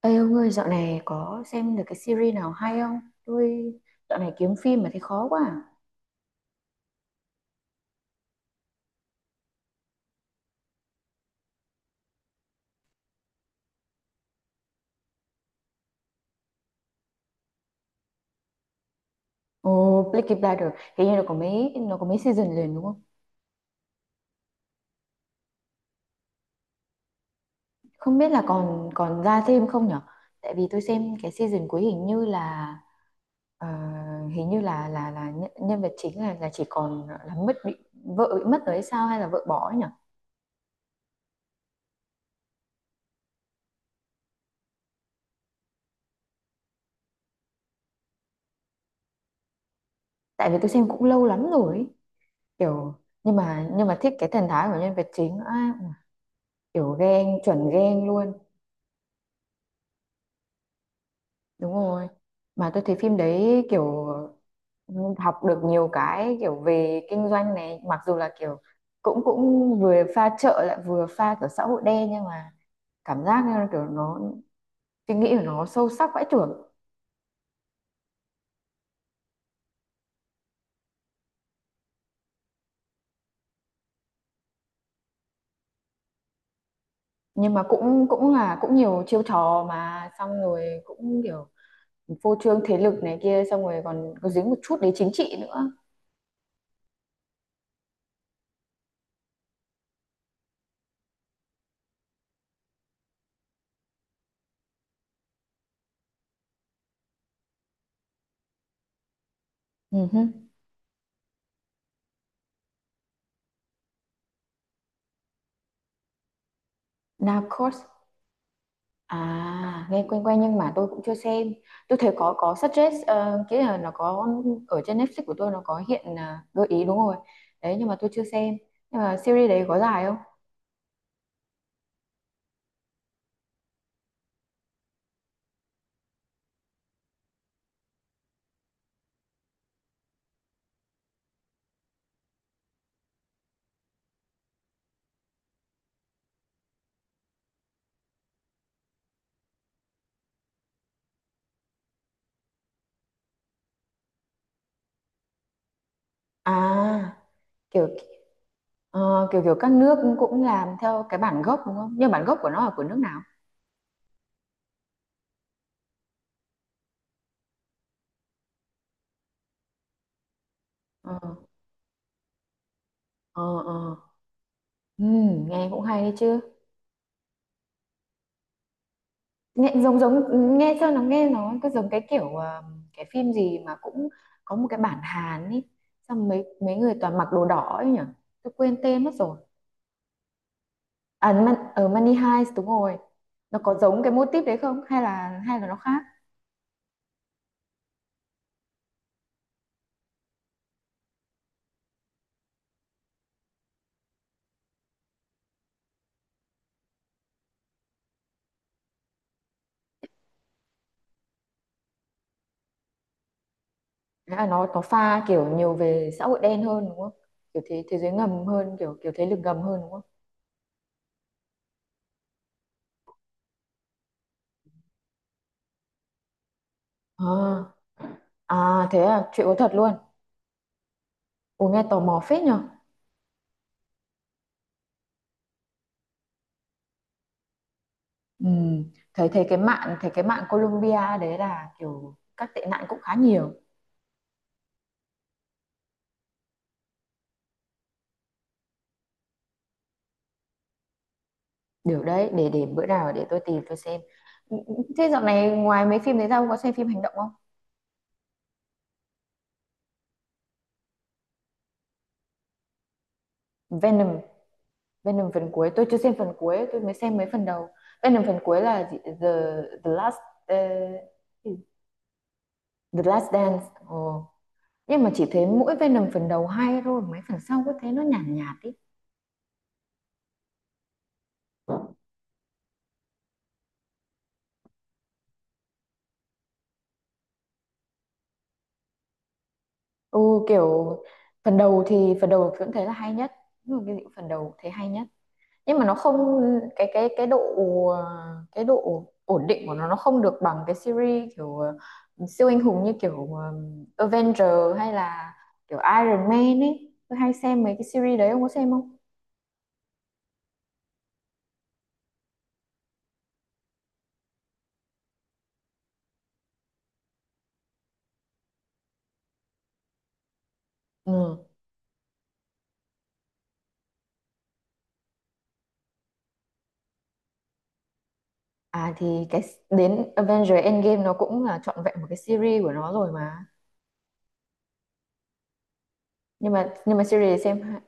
Ê ông ơi, dạo này có xem được cái series nào hay không? Tôi dạo này kiếm phim mà thấy khó quá. À. Ồ, Peaky Blinders, hình như nó có mấy season liền đúng không? Không biết là còn còn ra thêm không nhở? Tại vì tôi xem cái season cuối hình như là ờ, hình như là nhân vật chính là chỉ còn là mất bị vợ bị mất rồi hay sao hay là vợ bỏ ấy nhở? Tại vì tôi xem cũng lâu lắm rồi, ấy. Kiểu nhưng mà thích cái thần thái của nhân vật chính á, kiểu ghen chuẩn ghen luôn đúng rồi. Mà tôi thấy phim đấy kiểu học được nhiều cái kiểu về kinh doanh này, mặc dù là kiểu cũng cũng vừa pha chợ lại vừa pha kiểu xã hội đen, nhưng mà cảm giác như là kiểu nó suy nghĩ của nó sâu sắc vãi chưởng. Nhưng mà cũng cũng là cũng nhiều chiêu trò mà xong rồi cũng kiểu phô trương thế lực này kia, xong rồi còn có dính một chút đến chính trị nữa. Uh-huh. Narcos. À, nghe quen quen nhưng mà tôi cũng chưa xem. Tôi thấy có suggest cái là nó có ở trên Netflix của tôi nó có hiện gợi ý đúng rồi. Đấy nhưng mà tôi chưa xem. Nhưng mà series đấy có dài không? À, kiểu ờ, kiểu kiểu các nước cũng làm theo cái bản gốc đúng không? Nhưng bản gốc của nó là của nước nào? Ờ ờ. Nghe cũng hay đấy chứ. Nghe giống giống, nghe nó cứ giống cái kiểu cái phim gì mà cũng có một cái bản Hàn ý, xong mấy mấy người toàn mặc đồ đỏ ấy nhỉ, tôi quên tên mất rồi. À Man, ở Money Heist đúng rồi. Nó có giống cái mô típ đấy không, hay là hay là nó khác? Hay nó pha kiểu nhiều về xã hội đen hơn đúng không, kiểu thế thế giới ngầm hơn, kiểu kiểu thế lực ngầm hơn đúng không? À, à thế à, chuyện có thật luôn? Ủa nghe tò mò phết nhỉ. Ừ. Thấy thấy cái mạng Colombia đấy là kiểu các tệ nạn cũng khá nhiều. Điều đấy để bữa nào để tôi tìm tôi xem. Ừ, ừ, thế dạo này ngoài mấy phim đấy ra ông có xem phim hành động không? Venom, Venom phần cuối tôi chưa xem phần cuối, tôi mới xem mấy phần đầu. Venom phần cuối là gì? The Last uh, The Last Dance. Ồ. Nhưng mà chỉ thấy mỗi Venom phần đầu hay thôi, mấy phần sau cứ thấy nó nhàn nhạt ý. Ừ, kiểu phần đầu thì phần đầu vẫn thấy là hay nhất. Nhưng mà cái gì cũng phần đầu thấy hay nhất, nhưng mà nó không, cái độ ờ, cái độ ổn định của nó không được bằng cái series kiểu siêu anh hùng như kiểu Avenger hay là kiểu Iron Man ấy, tôi hay xem mấy cái series đấy ông có xem không? Ừ. À thì cái, đến Avenger Endgame nó cũng là trọn vẹn một cái series của nó rồi mà. Nhưng mà nhưng mà series để xem hai-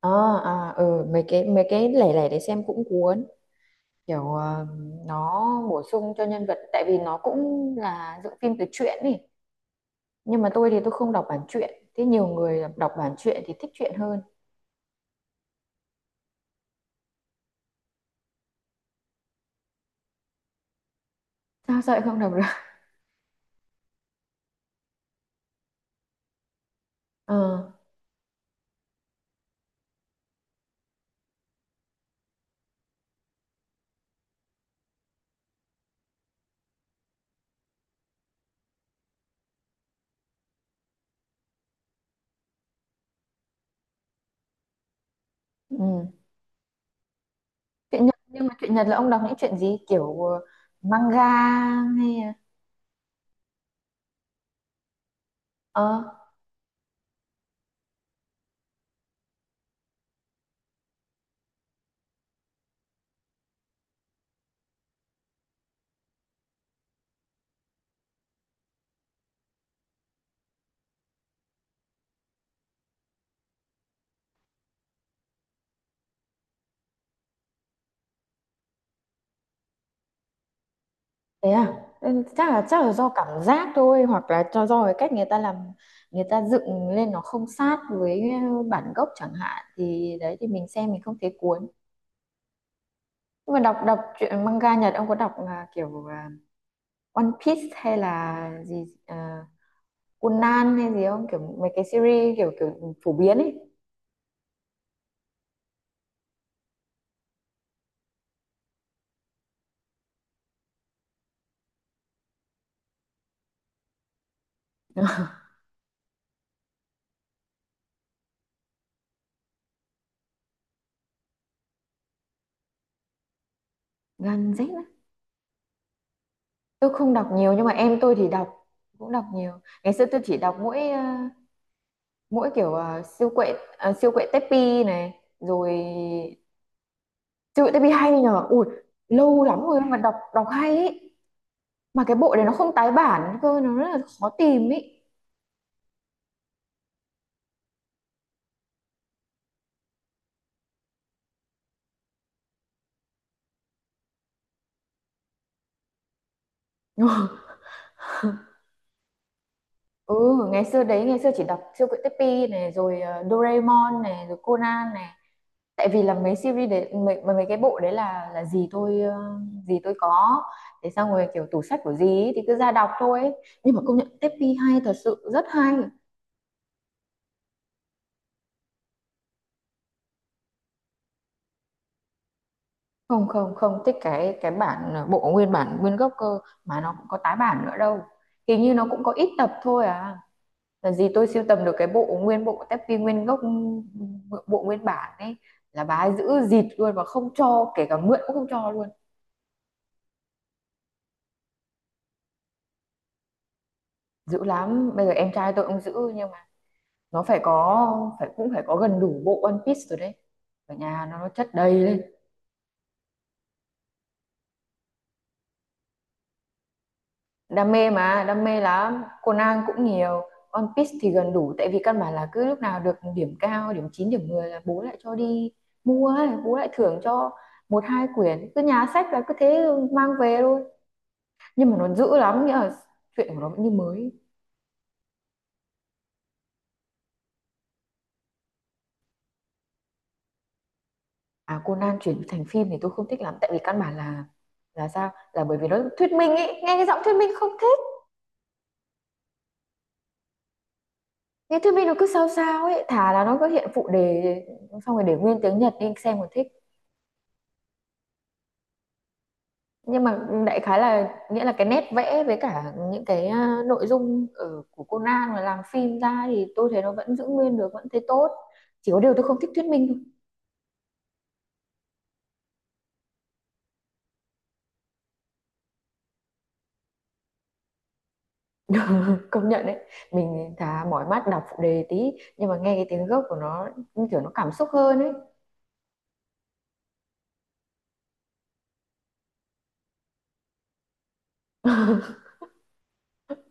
à, à ừ mấy cái lẻ lẻ để xem cũng cuốn, kiểu nó bổ sung cho nhân vật tại vì nó cũng là dựng phim từ truyện ý. Nhưng mà tôi thì tôi không đọc bản truyện, thế nhiều người đọc bản truyện thì thích truyện hơn. Sao vậy, không đọc được? Ờ ừ. Truyện Nhật, nhưng mà truyện Nhật là ông đọc những chuyện gì kiểu manga hay là- ờ thế à. Ừ, chắc là do cảm giác thôi, hoặc là cho do cái cách người ta làm, người ta dựng lên nó không sát với bản gốc chẳng hạn, thì đấy thì mình xem mình không thấy cuốn. Nhưng mà đọc đọc truyện manga Nhật ông có đọc là kiểu à, One Piece hay là gì à, Conan hay gì không, kiểu mấy cái series kiểu kiểu phổ biến ấy? Gen Z á. Tôi không đọc nhiều nhưng mà em tôi thì đọc, cũng đọc nhiều. Ngày xưa tôi chỉ đọc mỗi mỗi kiểu siêu quệ Teppy này rồi. Siêu quệ Teppy hay nhờ ui, lâu lắm rồi mà đọc đọc hay ấy. Mà cái bộ này nó không tái bản cơ, nó rất là khó tìm ấy. Ừ, ngày xưa đấy, ngày xưa chỉ đọc siêu quệ Teppy này rồi Doraemon này rồi Conan này. Tại vì là mấy series đấy mấy cái bộ đấy là gì tôi gì tôi có, thế xong rồi kiểu tủ sách của gì ấy, thì cứ ra đọc thôi ấy. Nhưng mà công nhận Teppy hay thật sự rất hay. Không không không thích cái cái bản bộ nguyên bản nguyên gốc cơ, mà nó cũng có tái bản nữa đâu. Hình như nó cũng có ít tập thôi à, là gì tôi sưu tầm được cái bộ nguyên bộ Teppy nguyên gốc, bộ nguyên bản ấy. Là bà ấy giữ dịt luôn, và không cho, kể cả mượn cũng không cho luôn. Dữ lắm, bây giờ em trai tôi ông giữ. Nhưng mà nó phải có, phải cũng phải có gần đủ bộ One Piece rồi đấy, ở nhà nó chất đầy lên. Đam mê mà, đam mê lắm, Conan cũng nhiều. One Piece thì gần đủ, tại vì căn bản là cứ lúc nào được điểm cao, điểm 9 điểm 10 là bố lại cho đi mua, bố lại thưởng cho một hai quyển, cứ nhà sách là cứ thế mang về thôi. Nhưng mà nó dữ lắm, nghĩa là chuyện của nó vẫn như mới. À Conan chuyển thành phim thì tôi không thích lắm, tại vì căn bản là sao là bởi vì nó thuyết minh ấy, nghe cái giọng thuyết minh không. Nghe thuyết minh nó cứ sao sao ấy, thà là nó cứ hiện phụ đề xong rồi để nguyên tiếng Nhật đi xem còn thích. Nhưng mà đại khái là nghĩa là cái nét vẽ với cả những cái nội dung ở của Conan mà làm phim ra thì tôi thấy nó vẫn giữ nguyên được, vẫn thấy tốt. Chỉ có điều tôi không thích thuyết minh thôi. Công nhận đấy, mình thà mỏi mắt đọc phụ đề tí nhưng mà nghe cái tiếng gốc của nó như kiểu nó cảm xúc hơn ấy.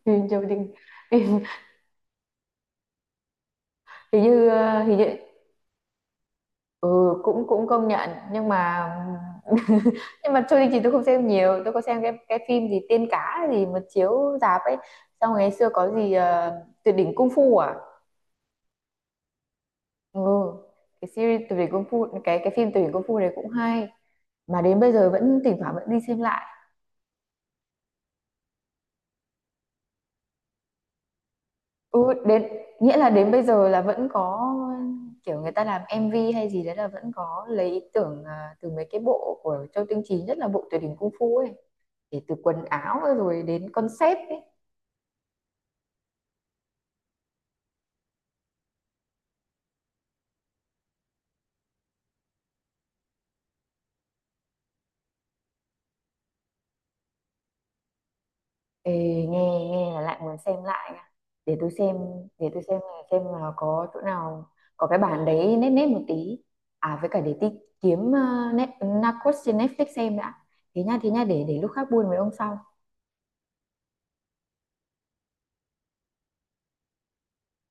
Thì, thì, thì, thì như ờ, thì như ừ, cũng cũng công nhận nhưng mà nhưng mà Trôi Đình Chỉ tôi không xem nhiều, tôi có xem cái phim gì Tiên Cá gì mà chiếu rạp ấy. Xong ngày xưa có gì Tuyệt đỉnh Cung Phu à. Ừ cái series Tuyệt đỉnh Cung Phu, cái phim Tuyệt đỉnh Cung Phu này cũng hay, mà đến bây giờ vẫn thỉnh thoảng vẫn đi xem lại. Ừ đến, nghĩa là đến bây giờ là vẫn có kiểu người ta làm MV hay gì đấy là vẫn có lấy ý tưởng từ mấy cái bộ của Châu Tinh Trì, nhất là bộ Tuyệt đỉnh Cung Phu ấy, để từ quần áo rồi đến concept ấy. Ê, nghe nghe là lại muốn xem lại nha. Để tôi xem, để tôi xem là có chỗ nào có cái bản đấy nét nét một tí. À với cả để tí kiếm net, Narcos trên Netflix xem đã. Thế nha để lúc khác buôn với ông sau.